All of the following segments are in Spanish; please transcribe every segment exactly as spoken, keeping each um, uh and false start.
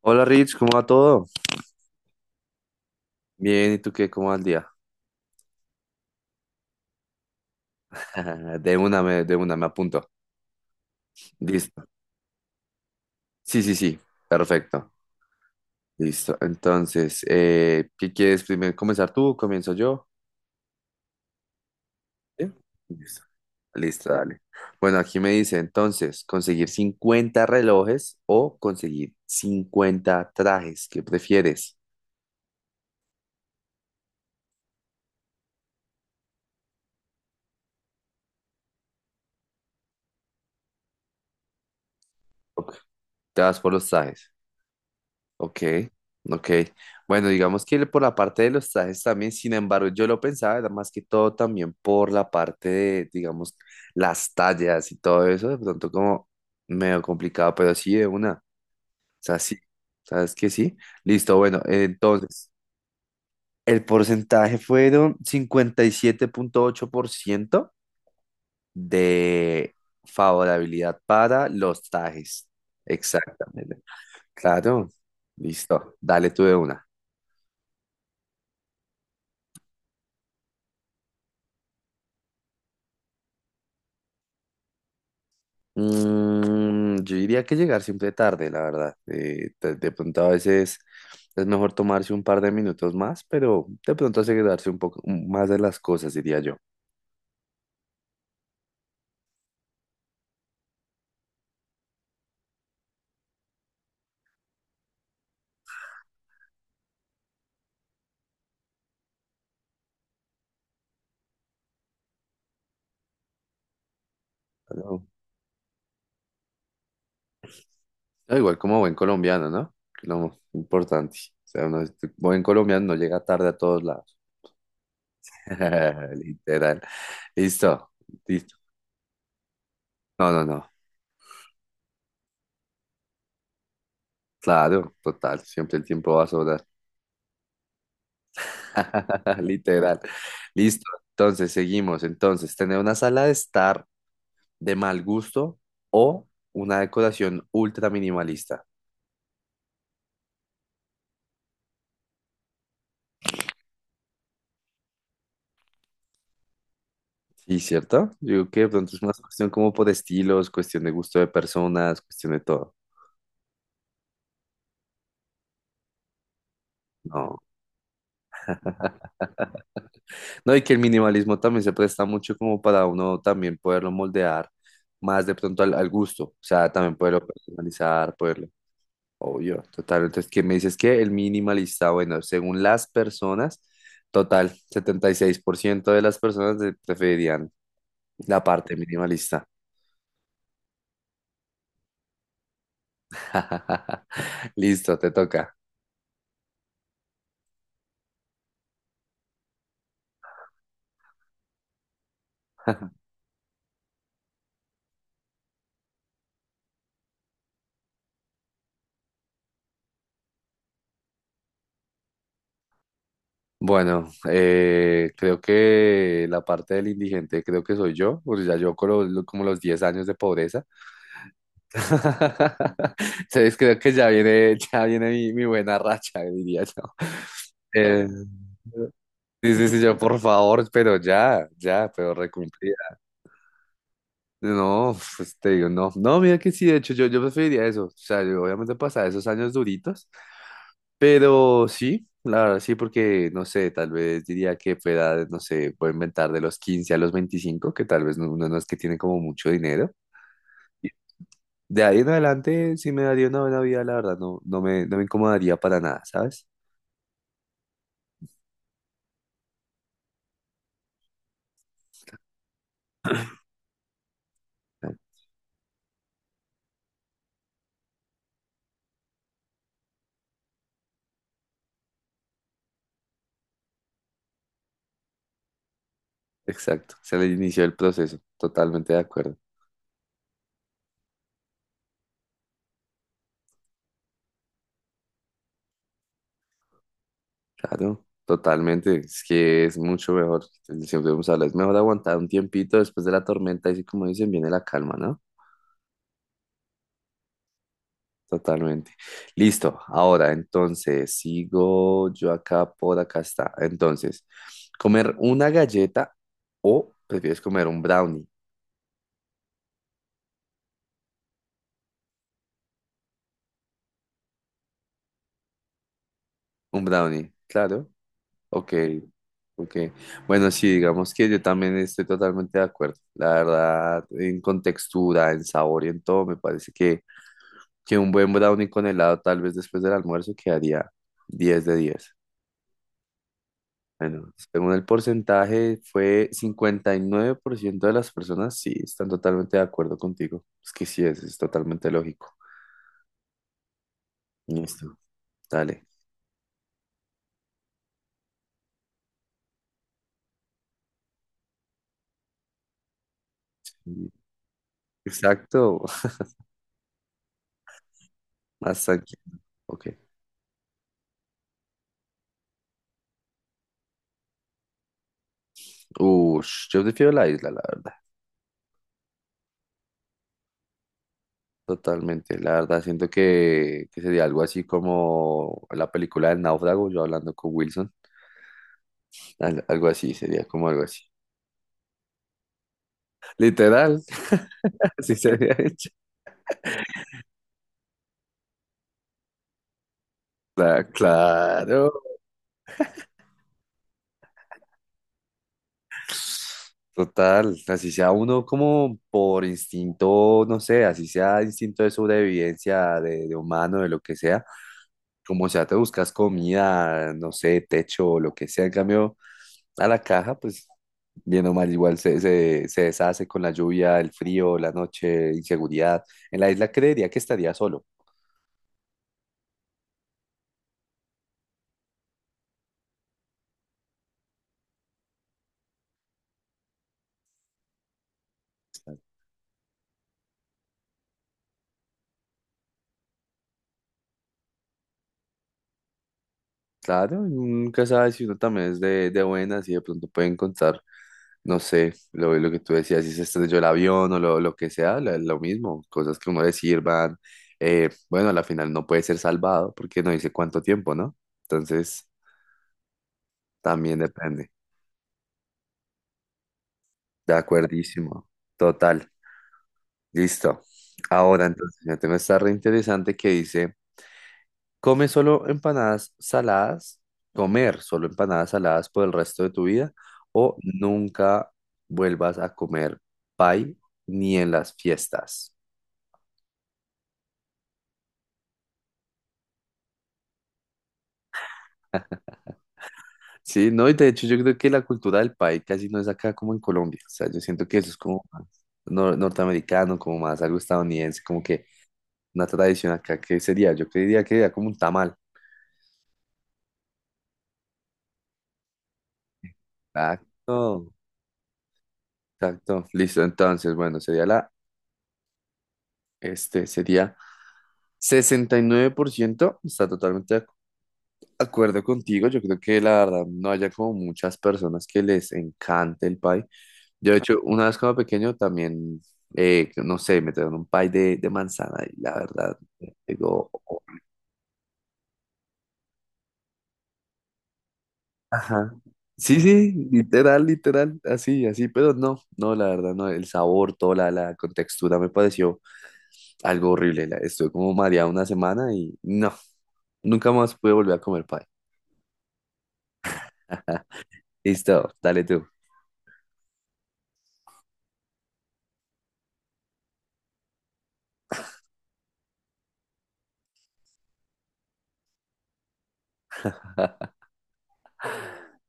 Hola Rich, ¿cómo va todo? Bien, ¿y tú qué? ¿Cómo va el día? De una, me, de una, me apunto. Listo. Sí, sí, sí, perfecto. Listo. Entonces, eh, ¿qué quieres primero comenzar tú? ¿Comienzo yo? ¿Sí? Listo. Listo, dale. Bueno, aquí me dice entonces, ¿conseguir cincuenta relojes o conseguir cincuenta trajes? ¿Qué prefieres? Ok, te vas por los trajes. Ok, ok. Bueno, digamos que por la parte de los trajes también, sin embargo, yo lo pensaba, era más que todo también por la parte de, digamos, las tallas y todo eso, de pronto como medio complicado, pero sí de una. O sea, sí, ¿sabes qué? Sí. Listo, bueno, entonces, el porcentaje fueron cincuenta y siete punto ocho por ciento de favorabilidad para los trajes. Exactamente. Claro, listo, dale tú de una. Mm, yo diría que llegar siempre tarde, la verdad. Eh, de, de pronto a veces es mejor tomarse un par de minutos más, pero de pronto asegurarse un poco más de las cosas, diría yo. Pero da igual como buen colombiano, ¿no? Que lo importante. O sea, uno es- buen colombiano no llega tarde a todos lados. Literal. Listo, listo. No, no, no. Claro, total. Siempre el tiempo va a sobrar. Literal. Listo. Entonces, seguimos. Entonces, tener una sala de estar de mal gusto o una decoración ultra minimalista. Sí, ¿cierto? Yo digo que de pronto es más cuestión como por estilos, cuestión de gusto de personas, cuestión de todo. No. No, y que el minimalismo también se presta mucho como para uno también poderlo moldear más de pronto al, al gusto. O sea, también poderlo personalizar, poderlo. Obvio, total. Entonces, ¿qué me dices que el minimalista? Bueno, según las personas, total, setenta y seis por ciento de las personas de- preferirían la parte minimalista. Listo, te toca. Bueno, eh, creo que la parte del indigente creo que soy yo, porque ya yo con los- como los diez años de pobreza. Entonces creo que ya viene, ya viene mi, mi buena racha, diría yo. Eh, sí, sí, sí, yo por favor, pero ya, ya, pero recumplida. No, pues te digo, no, no, mira que sí, de hecho yo, yo preferiría eso. O sea, yo obviamente pasar esos años duritos. Pero sí, la verdad sí, porque no sé, tal vez diría que fue edad, no sé, puedo inventar de los quince a los veinticinco que tal vez no- uno no es que tiene como mucho dinero. De ahí en adelante sí me daría una buena vida, la verdad, no, no me, no me incomodaría para nada, ¿sabes? Ah, exacto, se le inició el proceso, totalmente de acuerdo. Claro, totalmente, es que es mucho mejor, siempre vamos a hablar, es mejor aguantar un tiempito después de la tormenta y así como dicen, viene la calma, ¿no? Totalmente. Listo. Ahora, entonces, sigo yo acá, por acá está. Entonces, ¿comer una galleta o prefieres comer un brownie? Un brownie, claro. Ok, ok. Bueno, sí, digamos que yo también estoy totalmente de acuerdo. La verdad, en contextura, en sabor y en todo, me parece que, que un buen brownie con helado, tal vez después del almuerzo, quedaría diez de diez. Bueno, según el porcentaje, fue cincuenta y nueve por ciento de las personas sí están totalmente de acuerdo contigo. Es que sí, es, es totalmente lógico. Listo, dale. Exacto, más tranquilo. Ok. Ush, yo prefiero la isla, la verdad. Totalmente, la verdad. Siento que, que sería algo así como la película del náufrago, yo hablando con Wilson. Al- algo así, sería como algo así. Literal, así sería hecho. Cla- Claro. Total, así sea uno como por instinto, no sé, así sea instinto de sobrevivencia, de, de humano, de lo que sea, como sea, te buscas comida, no sé, techo, lo que sea, en cambio, a la caja, pues bien o mal, igual se, se, se deshace con la lluvia, el frío, la noche, inseguridad. En la isla creería que estaría solo. Claro, y uno nunca sabe si uno también es de, de buenas y de pronto puede encontrar, no sé, lo, lo que tú decías, si se estrelló el avión o lo, lo que sea, lo, lo mismo, cosas que uno le sirvan. Eh, bueno, a la final no puede ser salvado porque no dice cuánto tiempo, ¿no? Entonces, también depende. De acuerdísimo. Total. Listo. Ahora, entonces, ya tengo esta re interesante que dice. ¿Come solo empanadas saladas? ¿Comer solo empanadas saladas por el resto de tu vida? ¿O nunca vuelvas a comer pie ni en las fiestas? Sí, no, y de hecho yo creo que la cultura del pie casi no es acá como en Colombia. O sea, yo siento que eso es como más nor- norteamericano, como más algo estadounidense, como que una tradición acá que sería, yo creería que sería como un tamal. Exacto, exacto. Listo, entonces, bueno, sería la, este, sería... sesenta y nueve por ciento está totalmente de acuerdo contigo, yo creo que la verdad no haya como muchas personas que les encante el pie. Yo de hecho, una vez cuando pequeño también, eh, no sé, me trajeron un pie de, de manzana y la verdad, digo, ajá. Sí, sí, literal, literal, así, así, pero no, no, la verdad, no, el sabor, toda la, la contextura me pareció algo horrible. La- estuve como mareado una semana y no, nunca más pude volver a comer pie. Listo, dale tú.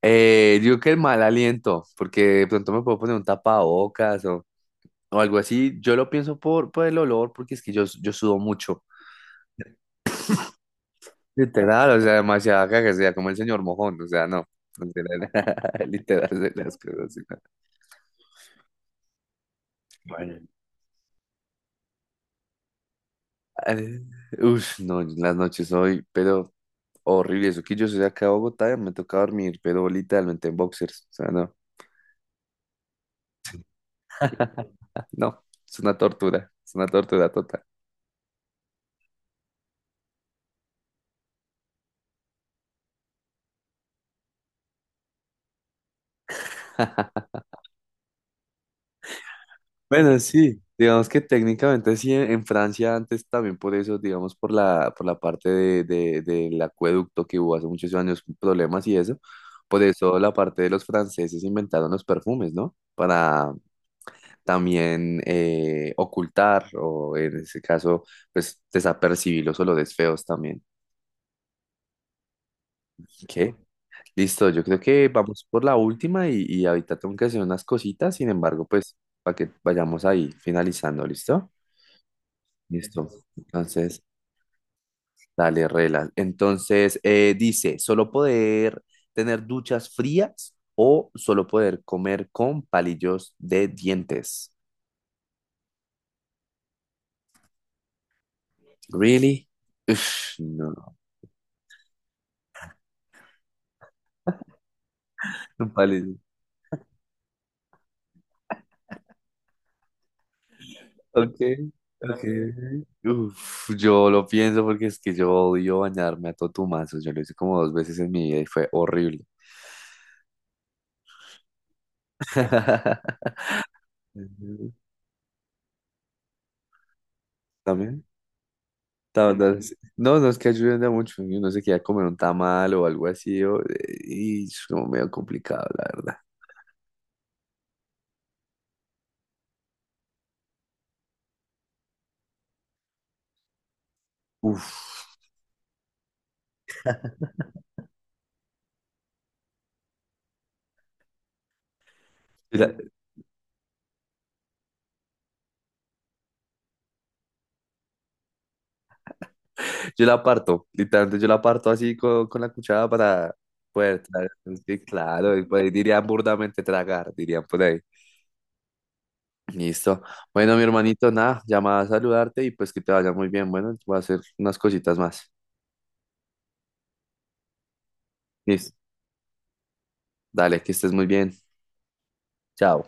Eh, digo que el mal aliento, porque de pronto me puedo poner un tapabocas o, o, algo así. Yo lo pienso por, por el olor, porque es que yo, yo sudo mucho. Literal, o sea, demasiada caga, o sea, como el señor mojón, o sea, no. Literal, literal de las cosas, así, ¿no? Bueno. Eh, Uf, no, las noches hoy, pero horrible. Eso que yo soy de acá de Bogotá, y me toca dormir, pero literalmente en boxers, o sea, no. No, es una tortura, es una tortura total. Bueno, sí, digamos que técnicamente sí, en en Francia antes también por eso, digamos por la, por la parte de, de- del acueducto que hubo hace muchos años, problemas y eso, por eso la parte de los franceses inventaron los perfumes, ¿no? Para también eh, ocultar o en ese caso, pues desapercibir los olores feos también. ¿Qué? Listo, yo creo que vamos por la última y, y ahorita tengo que hacer unas cositas, sin embargo, pues para que vayamos ahí finalizando, ¿listo? Listo. Entonces, dale, reglas entonces, eh, dice, ¿solo poder tener duchas frías o solo poder comer con palillos de dientes? Really? Uf, no. Un palillo. Ok, ok. Uf, yo lo pienso porque es que yo odio bañarme a totumazos. Yo lo hice como dos veces en mi vida y fue horrible. Ujú. ¿También? ta- ta- No, sí. No, no, es que ayuden a mucho. Y uno se queda a comer un tamal o algo así. O- y es como medio complicado, la verdad. Uf. Yo la, yo la parto, literalmente yo la parto así con, con la cuchara para poder tragar. Sí, claro, y pues dirían burdamente tragar, dirían por ahí. Listo. Bueno, mi hermanito, nada, llamada a saludarte y pues que te vaya muy bien. Bueno, voy a hacer unas cositas más. Listo. Dale, que estés muy bien. Chao.